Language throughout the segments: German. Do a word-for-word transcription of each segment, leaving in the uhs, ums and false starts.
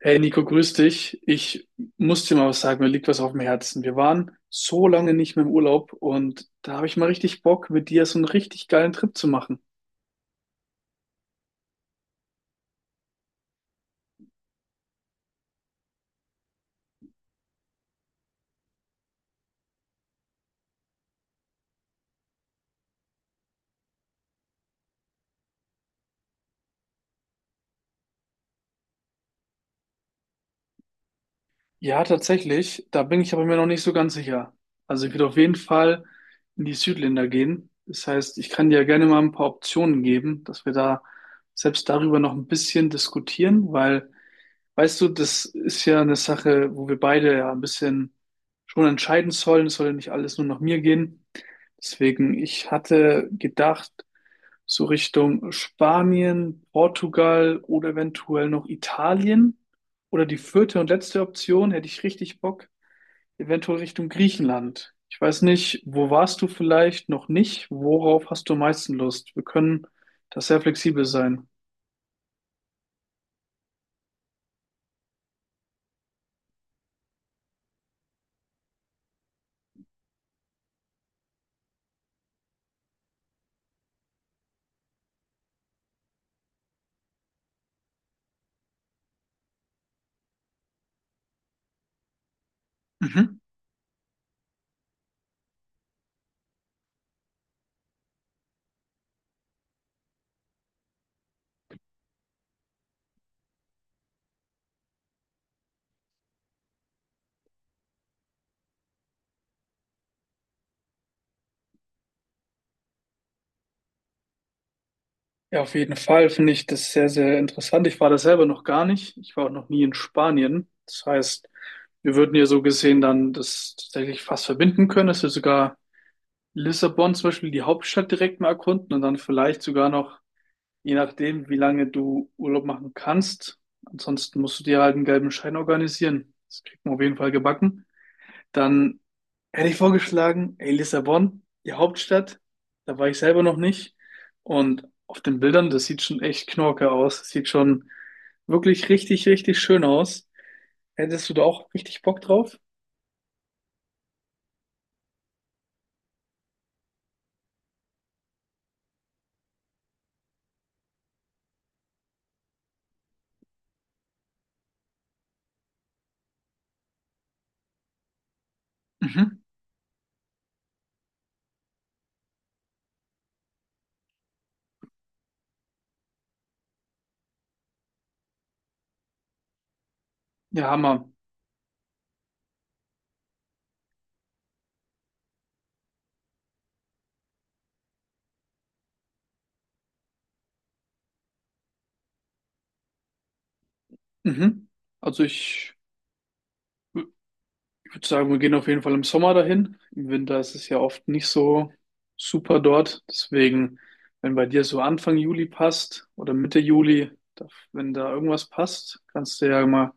Hey Nico, grüß dich. Ich muss dir mal was sagen, mir liegt was auf dem Herzen. Wir waren so lange nicht mehr im Urlaub und da habe ich mal richtig Bock, mit dir so einen richtig geilen Trip zu machen. Ja, tatsächlich, da bin ich aber mir noch nicht so ganz sicher. Also ich würde auf jeden Fall in die Südländer gehen. Das heißt, ich kann dir ja gerne mal ein paar Optionen geben, dass wir da selbst darüber noch ein bisschen diskutieren, weil weißt du, das ist ja eine Sache, wo wir beide ja ein bisschen schon entscheiden sollen. Es soll ja nicht alles nur nach mir gehen. Deswegen, ich hatte gedacht, so Richtung Spanien, Portugal oder eventuell noch Italien. Oder die vierte und letzte Option hätte ich richtig Bock, eventuell Richtung Griechenland. Ich weiß nicht, wo warst du vielleicht noch nicht? Worauf hast du am meisten Lust? Wir können da sehr flexibel sein. Mhm. Ja, auf jeden Fall finde ich das sehr, sehr interessant. Ich war da selber noch gar nicht. Ich war auch noch nie in Spanien. Das heißt, wir würden ja so gesehen dann das tatsächlich fast verbinden können, dass wir sogar Lissabon zum Beispiel, die Hauptstadt direkt mal erkunden und dann vielleicht sogar noch, je nachdem, wie lange du Urlaub machen kannst. Ansonsten musst du dir halt einen gelben Schein organisieren. Das kriegt man auf jeden Fall gebacken. Dann hätte ich vorgeschlagen, ey, Lissabon, die Hauptstadt, da war ich selber noch nicht. Und auf den Bildern, das sieht schon echt knorke aus. Das sieht schon wirklich richtig, richtig schön aus. Hättest du da auch richtig Bock drauf? Mhm. Ja, Hammer. Mhm. Also ich, Ich würde sagen, wir gehen auf jeden Fall im Sommer dahin. Im Winter ist es ja oft nicht so super dort. Deswegen, wenn bei dir so Anfang Juli passt oder Mitte Juli, da- wenn da irgendwas passt, kannst du ja mal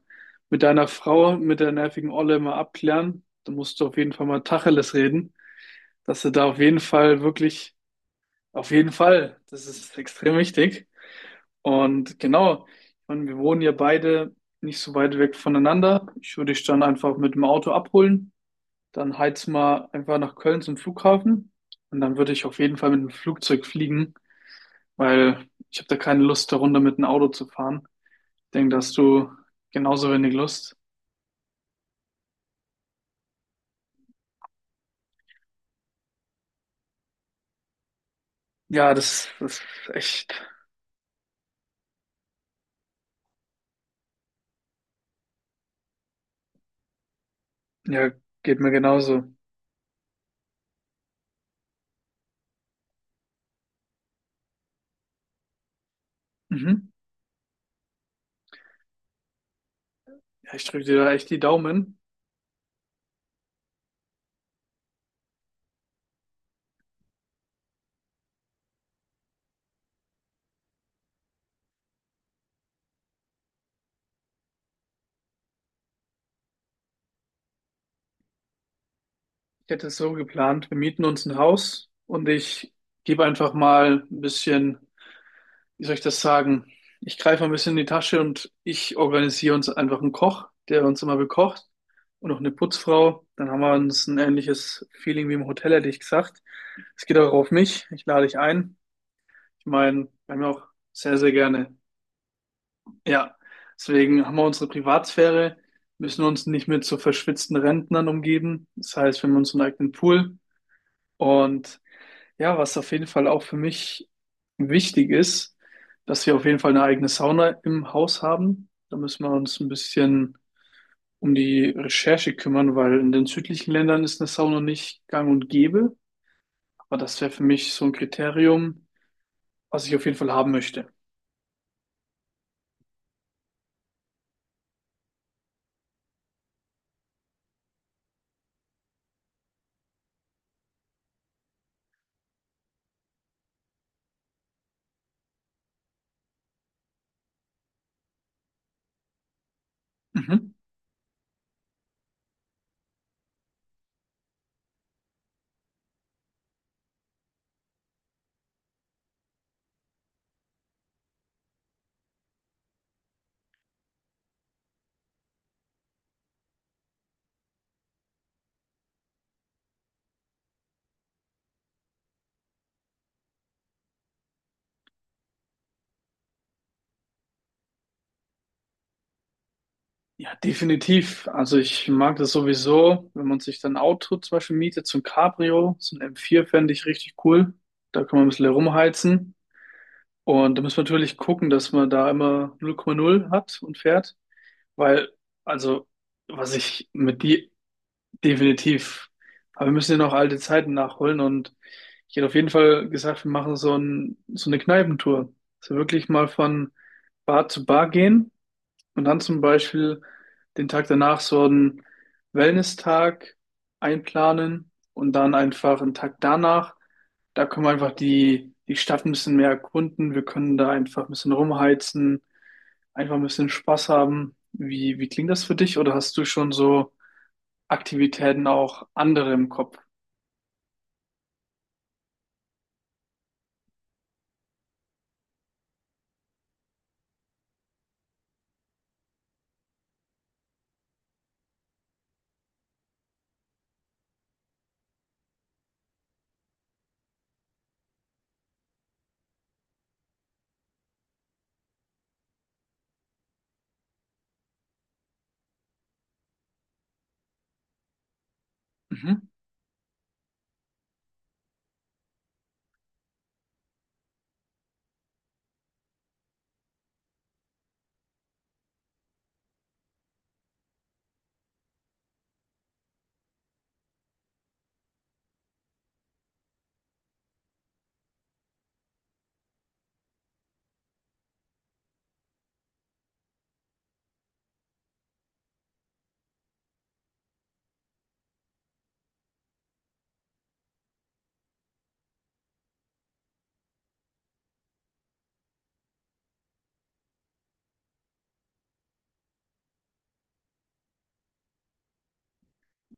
mit deiner Frau, mit der nervigen Olle mal abklären. Da musst du auf jeden Fall mal Tacheles reden, dass du da auf jeden Fall wirklich, auf jeden Fall, das ist extrem wichtig. Und genau, ich meine, wir wohnen ja beide nicht so weit weg voneinander. Ich würde dich dann einfach mit dem Auto abholen. Dann heiz mal einfach nach Köln zum Flughafen und dann würde ich auf jeden Fall mit dem Flugzeug fliegen, weil ich habe da keine Lust, da runter mit dem Auto zu fahren. Ich denke, da hast du genauso wenig Lust. Ja, das, das ist echt, ja, geht mir genauso. Mhm. Ja, ich drücke dir da echt die Daumen. Ich hätte es so geplant, wir mieten uns ein Haus und ich gebe einfach mal ein bisschen, wie soll ich das sagen? Ich greife mal ein bisschen in die Tasche und ich organisiere uns einfach einen Koch, der uns immer bekocht und noch eine Putzfrau. Dann haben wir uns ein ähnliches Feeling wie im Hotel, hätte ich gesagt. Es geht auch auf mich. Ich lade dich ein. Ich meine, wir haben ja auch sehr, sehr gerne. Ja, deswegen haben wir unsere Privatsphäre, müssen uns nicht mit so verschwitzten Rentnern umgeben. Das heißt, wir haben unseren eigenen Pool und ja, was auf jeden Fall auch für mich wichtig ist, dass wir auf jeden Fall eine eigene Sauna im Haus haben. Da müssen wir uns ein bisschen um die Recherche kümmern, weil in den südlichen Ländern ist eine Sauna nicht gang und gäbe. Aber das wäre für mich so ein Kriterium, was ich auf jeden Fall haben möchte. Mhm. Ja, definitiv. Also ich mag das sowieso, wenn man sich dann ein Auto zum Beispiel mietet, so ein Cabrio, so ein m vier fände ich richtig cool. Da kann man ein bisschen herumheizen. Und da muss man natürlich gucken, dass man da immer null Komma null hat und fährt, weil, also, was ich mit die definitiv, aber wir müssen ja noch alte Zeiten nachholen und ich hätte auf jeden Fall gesagt, wir machen so ein, so eine Kneipentour. Also wirklich mal von Bar zu Bar gehen und dann zum Beispiel den Tag danach so einen Wellness-Tag einplanen und dann einfach einen Tag danach. Da können wir einfach die, die Stadt ein bisschen mehr erkunden. Wir können da einfach ein bisschen rumheizen, einfach ein bisschen Spaß haben. Wie, wie klingt das für dich? Oder hast du schon so Aktivitäten auch andere im Kopf? Mhm.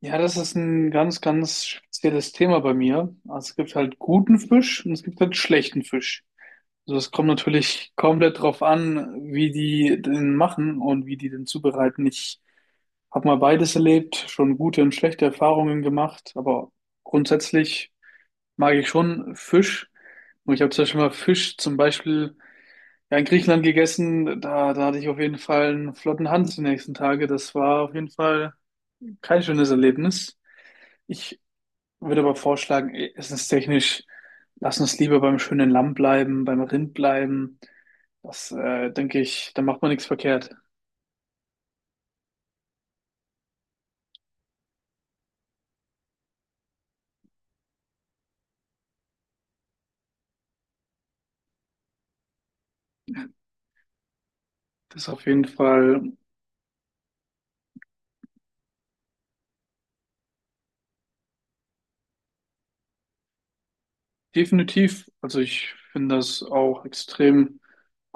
Ja, das ist ein ganz, ganz spezielles Thema bei mir. Also es gibt halt guten Fisch und es gibt halt schlechten Fisch. Also es kommt natürlich komplett drauf an, wie die den machen und wie die den zubereiten. Ich habe mal beides erlebt, schon gute und schlechte Erfahrungen gemacht, aber grundsätzlich mag ich schon Fisch. Und ich habe zum Beispiel mal Fisch zum Beispiel ja, in Griechenland gegessen. Da, da hatte ich auf jeden Fall einen flotten Hans die nächsten Tage. Das war auf jeden Fall kein schönes Erlebnis. Ich würde aber vorschlagen, ist es ist technisch, lass uns lieber beim schönen Lamm bleiben, beim Rind bleiben. Das, äh, denke ich, da macht man nichts verkehrt. Das ist auf jeden Fall definitiv. Also ich finde das auch extrem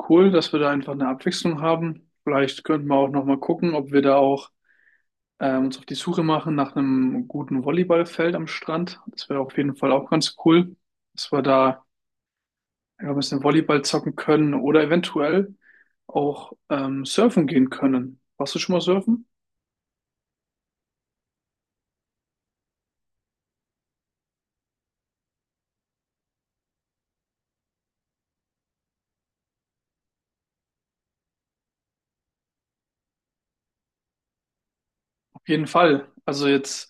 cool, dass wir da einfach eine Abwechslung haben. Vielleicht könnten wir auch nochmal gucken, ob wir da auch äh, uns auf die Suche machen nach einem guten Volleyballfeld am Strand. Das wäre auf jeden Fall auch ganz cool, dass wir da ja, ein bisschen Volleyball zocken können oder eventuell auch ähm, surfen gehen können. Warst du schon mal surfen? Auf jeden Fall. Also jetzt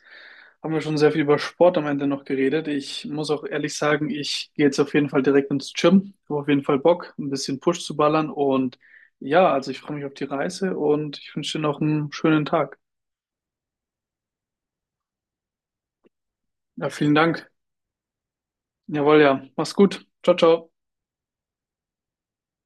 haben wir schon sehr viel über Sport am Ende noch geredet. Ich muss auch ehrlich sagen, ich gehe jetzt auf jeden Fall direkt ins Gym. Habe auf jeden Fall Bock, ein bisschen Push zu ballern. Und ja, also ich freue mich auf die Reise und ich wünsche dir noch einen schönen Tag. Ja, vielen Dank. Jawohl, ja. Mach's gut. Ciao, ciao.